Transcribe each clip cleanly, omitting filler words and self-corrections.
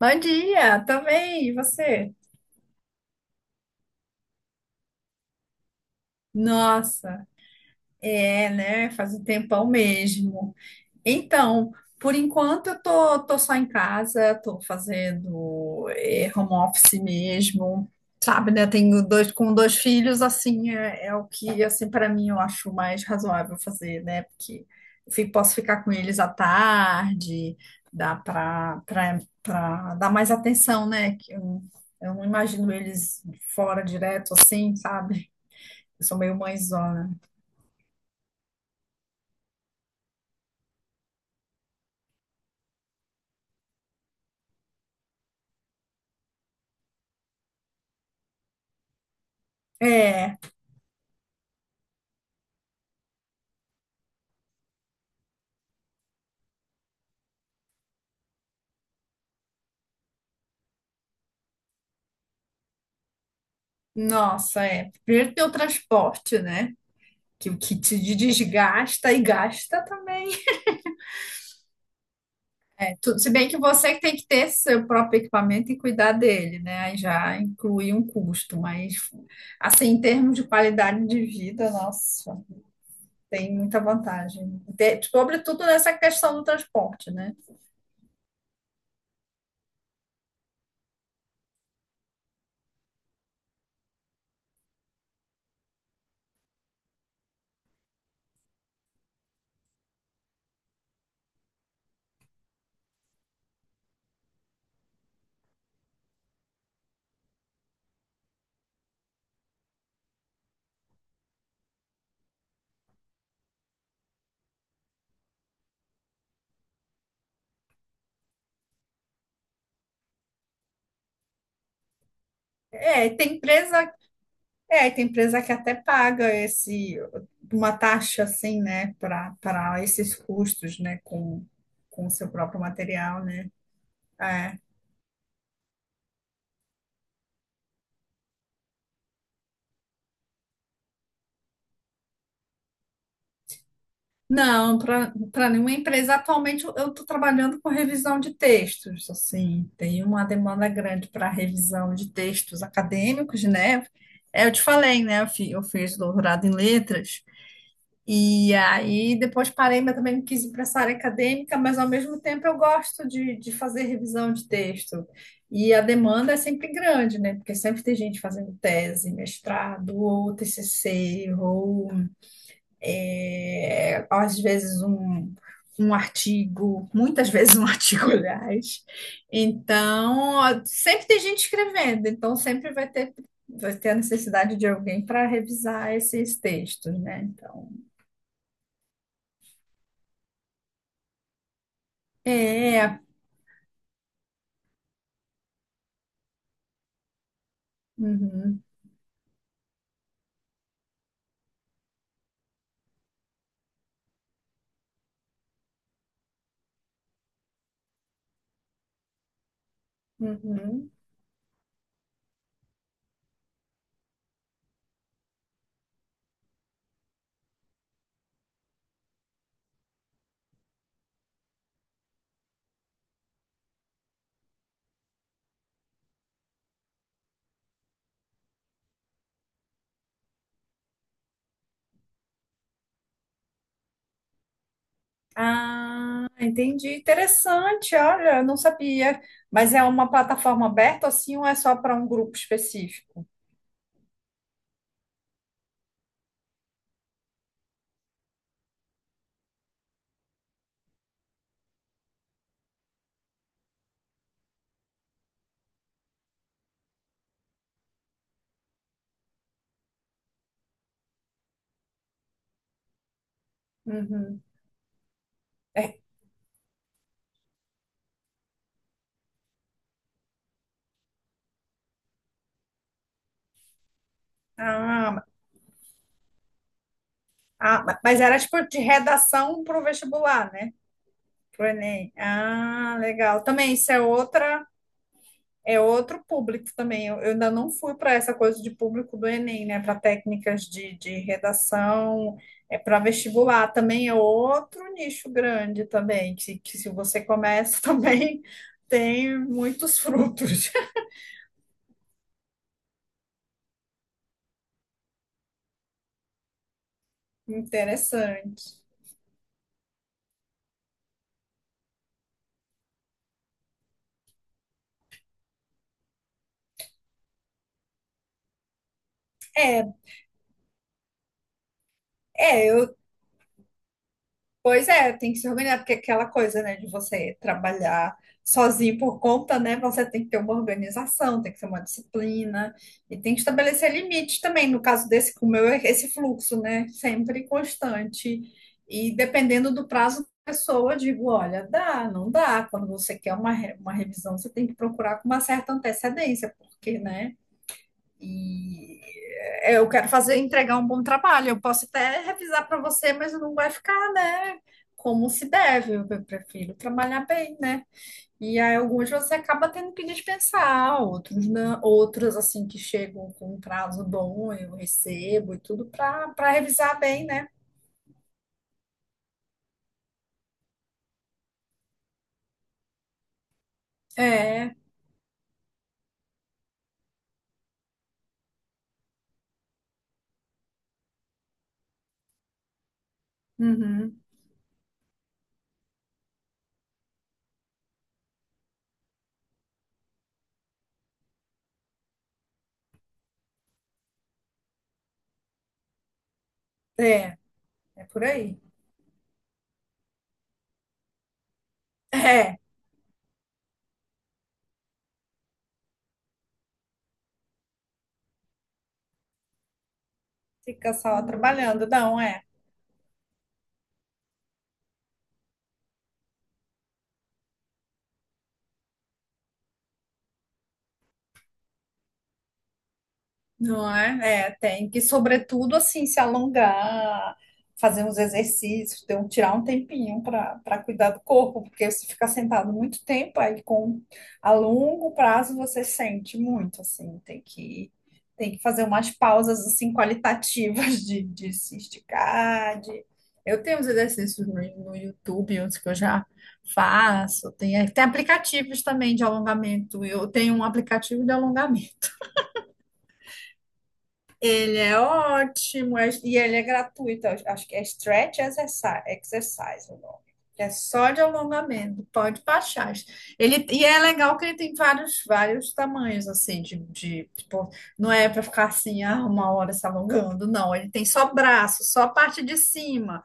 Bom dia, também, e você? Nossa, é, né? Faz um tempão mesmo. Então, por enquanto eu tô só em casa, tô fazendo home office mesmo, sabe, né? Tenho dois filhos, assim, é o que assim para mim eu acho mais razoável fazer, né? Porque posso ficar com eles à tarde, dá para dar mais atenção, né? Eu não imagino eles fora direto assim, sabe? Eu sou meio mãezona. É, nossa, é. Primeiro tem o transporte, né? Que te desgasta e gasta também. É tudo, se bem que você que tem que ter seu próprio equipamento e cuidar dele, né? Aí já inclui um custo, mas assim, em termos de qualidade de vida, nossa, tem muita vantagem. Sobretudo nessa questão do transporte, né? É, tem empresa, é, tem empresa que até paga esse uma taxa assim, né, para esses custos, né, com o seu próprio material, né? É. Não, para nenhuma empresa. Atualmente eu estou trabalhando com revisão de textos, assim, tem uma demanda grande para revisão de textos acadêmicos, né? É, eu te falei, né? Eu fiz doutorado em letras, e aí depois parei, mas também não quis ir para essa área acadêmica, mas ao mesmo tempo eu gosto de fazer revisão de texto. E a demanda é sempre grande, né? Porque sempre tem gente fazendo tese, mestrado, ou TCC, ou é, às vezes um, um artigo, muitas vezes um artigo, aliás. Então, ó, sempre tem gente escrevendo, então vai ter a necessidade de alguém para revisar esses textos, né? Então, é. Uhum, uhum. Ah, entendi. Interessante, olha, eu não sabia. Mas é uma plataforma aberta assim ou é só para um grupo específico? Uhum. Ah, mas era tipo de redação para o vestibular, né? Pro Enem. Ah, legal. Também isso é outra. É outro público também. Eu ainda não fui para essa coisa de público do Enem, né? Para técnicas de redação, é para vestibular também é outro nicho grande também, que se você começa também tem muitos frutos. Interessante. É, é, eu, Pois é, tem que se organizar, porque aquela coisa, né, de você trabalhar sozinho por conta, né, você tem que ter uma organização, tem que ter uma disciplina e tem que estabelecer limites também. No caso desse, como eu, esse fluxo, né, sempre constante e dependendo do prazo da pessoa, eu digo, olha, dá, não dá. Quando você quer uma, uma revisão, você tem que procurar com uma certa antecedência, porque, né, e é, eu quero fazer, entregar um bom trabalho. Eu posso até revisar para você, mas não vai ficar, né? Como se deve. Eu prefiro trabalhar bem, né? E aí alguns você acaba tendo que dispensar, outros não, outros assim que chegam com um prazo bom, eu recebo e tudo para revisar bem, né? É, uhum, é, é por aí. É, fica só trabalhando, não é. Não é? É, tem que, sobretudo, assim, se alongar, fazer uns exercícios, ter um, tirar um tempinho para cuidar do corpo, porque se ficar sentado muito tempo, aí com a longo prazo você sente muito, assim, tem que fazer umas pausas assim qualitativas de se esticar, de... Eu tenho uns exercícios no YouTube, uns que eu já faço, tem aplicativos também de alongamento. Eu tenho um aplicativo de alongamento. Ele é ótimo, e ele é gratuito. Eu Acho que é Stretch Exercise, exercise o nome. É só de alongamento, pode baixar. Ele, e é legal que ele tem vários tamanhos, assim, de tipo, não é para ficar assim, ah, uma hora se alongando, não. Ele tem só braço, só a parte de cima,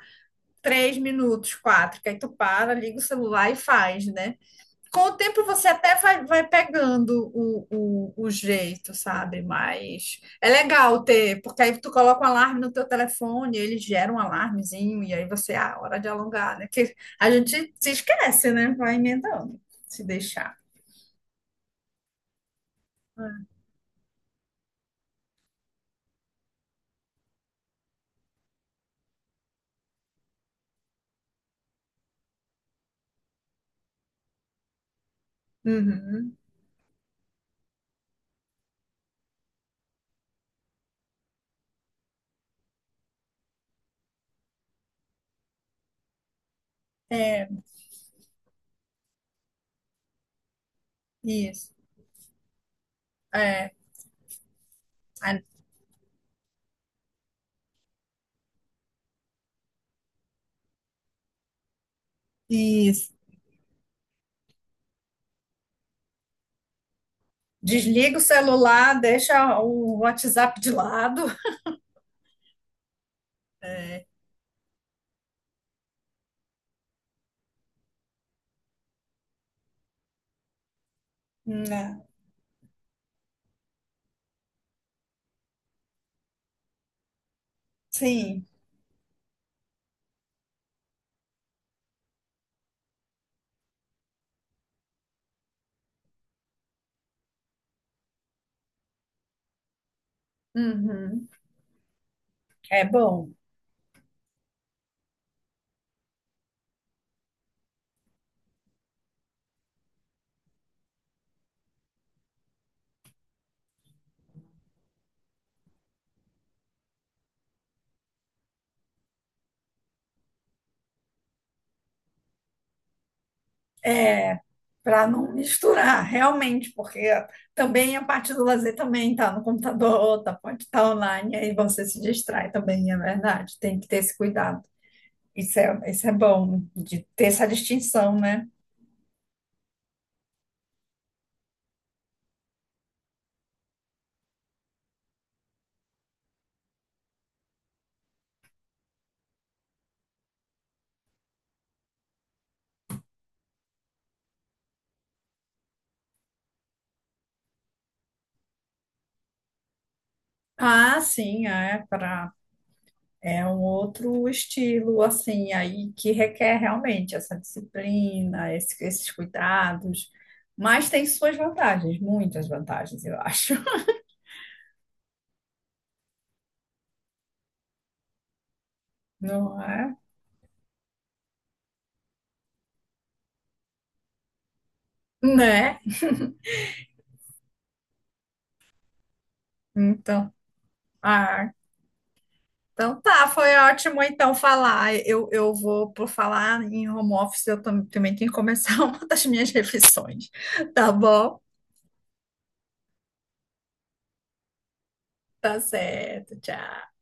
três minutos, quatro, que aí tu para, liga o celular e faz, né? Com o tempo você até vai pegando o jeito, sabe? Mas é legal ter, porque aí tu coloca um alarme no teu telefone, ele gera um alarmezinho, e aí você, ah, hora de alongar, né? Porque a gente se esquece, né? Vai emendando, se deixar. Uhum. É, isso. É, a- isso. Desliga o celular, deixa o WhatsApp de lado. Né? Sim. Uhum. É bom. Para não misturar, realmente, porque também a parte do lazer também tá no computador, tá, pode estar online, aí você se distrai também, é verdade, tem que ter esse cuidado. Isso é bom, de ter essa distinção, né? Ah, sim, é para é um outro estilo, assim, aí que requer realmente essa disciplina, esses cuidados, mas tem suas vantagens, muitas vantagens, eu acho, não é? Né? Então, ah, então tá, foi ótimo então falar. Eu vou, por falar em home office, eu também tenho que começar uma das minhas refeições. Tá bom? Tá certo, tchau.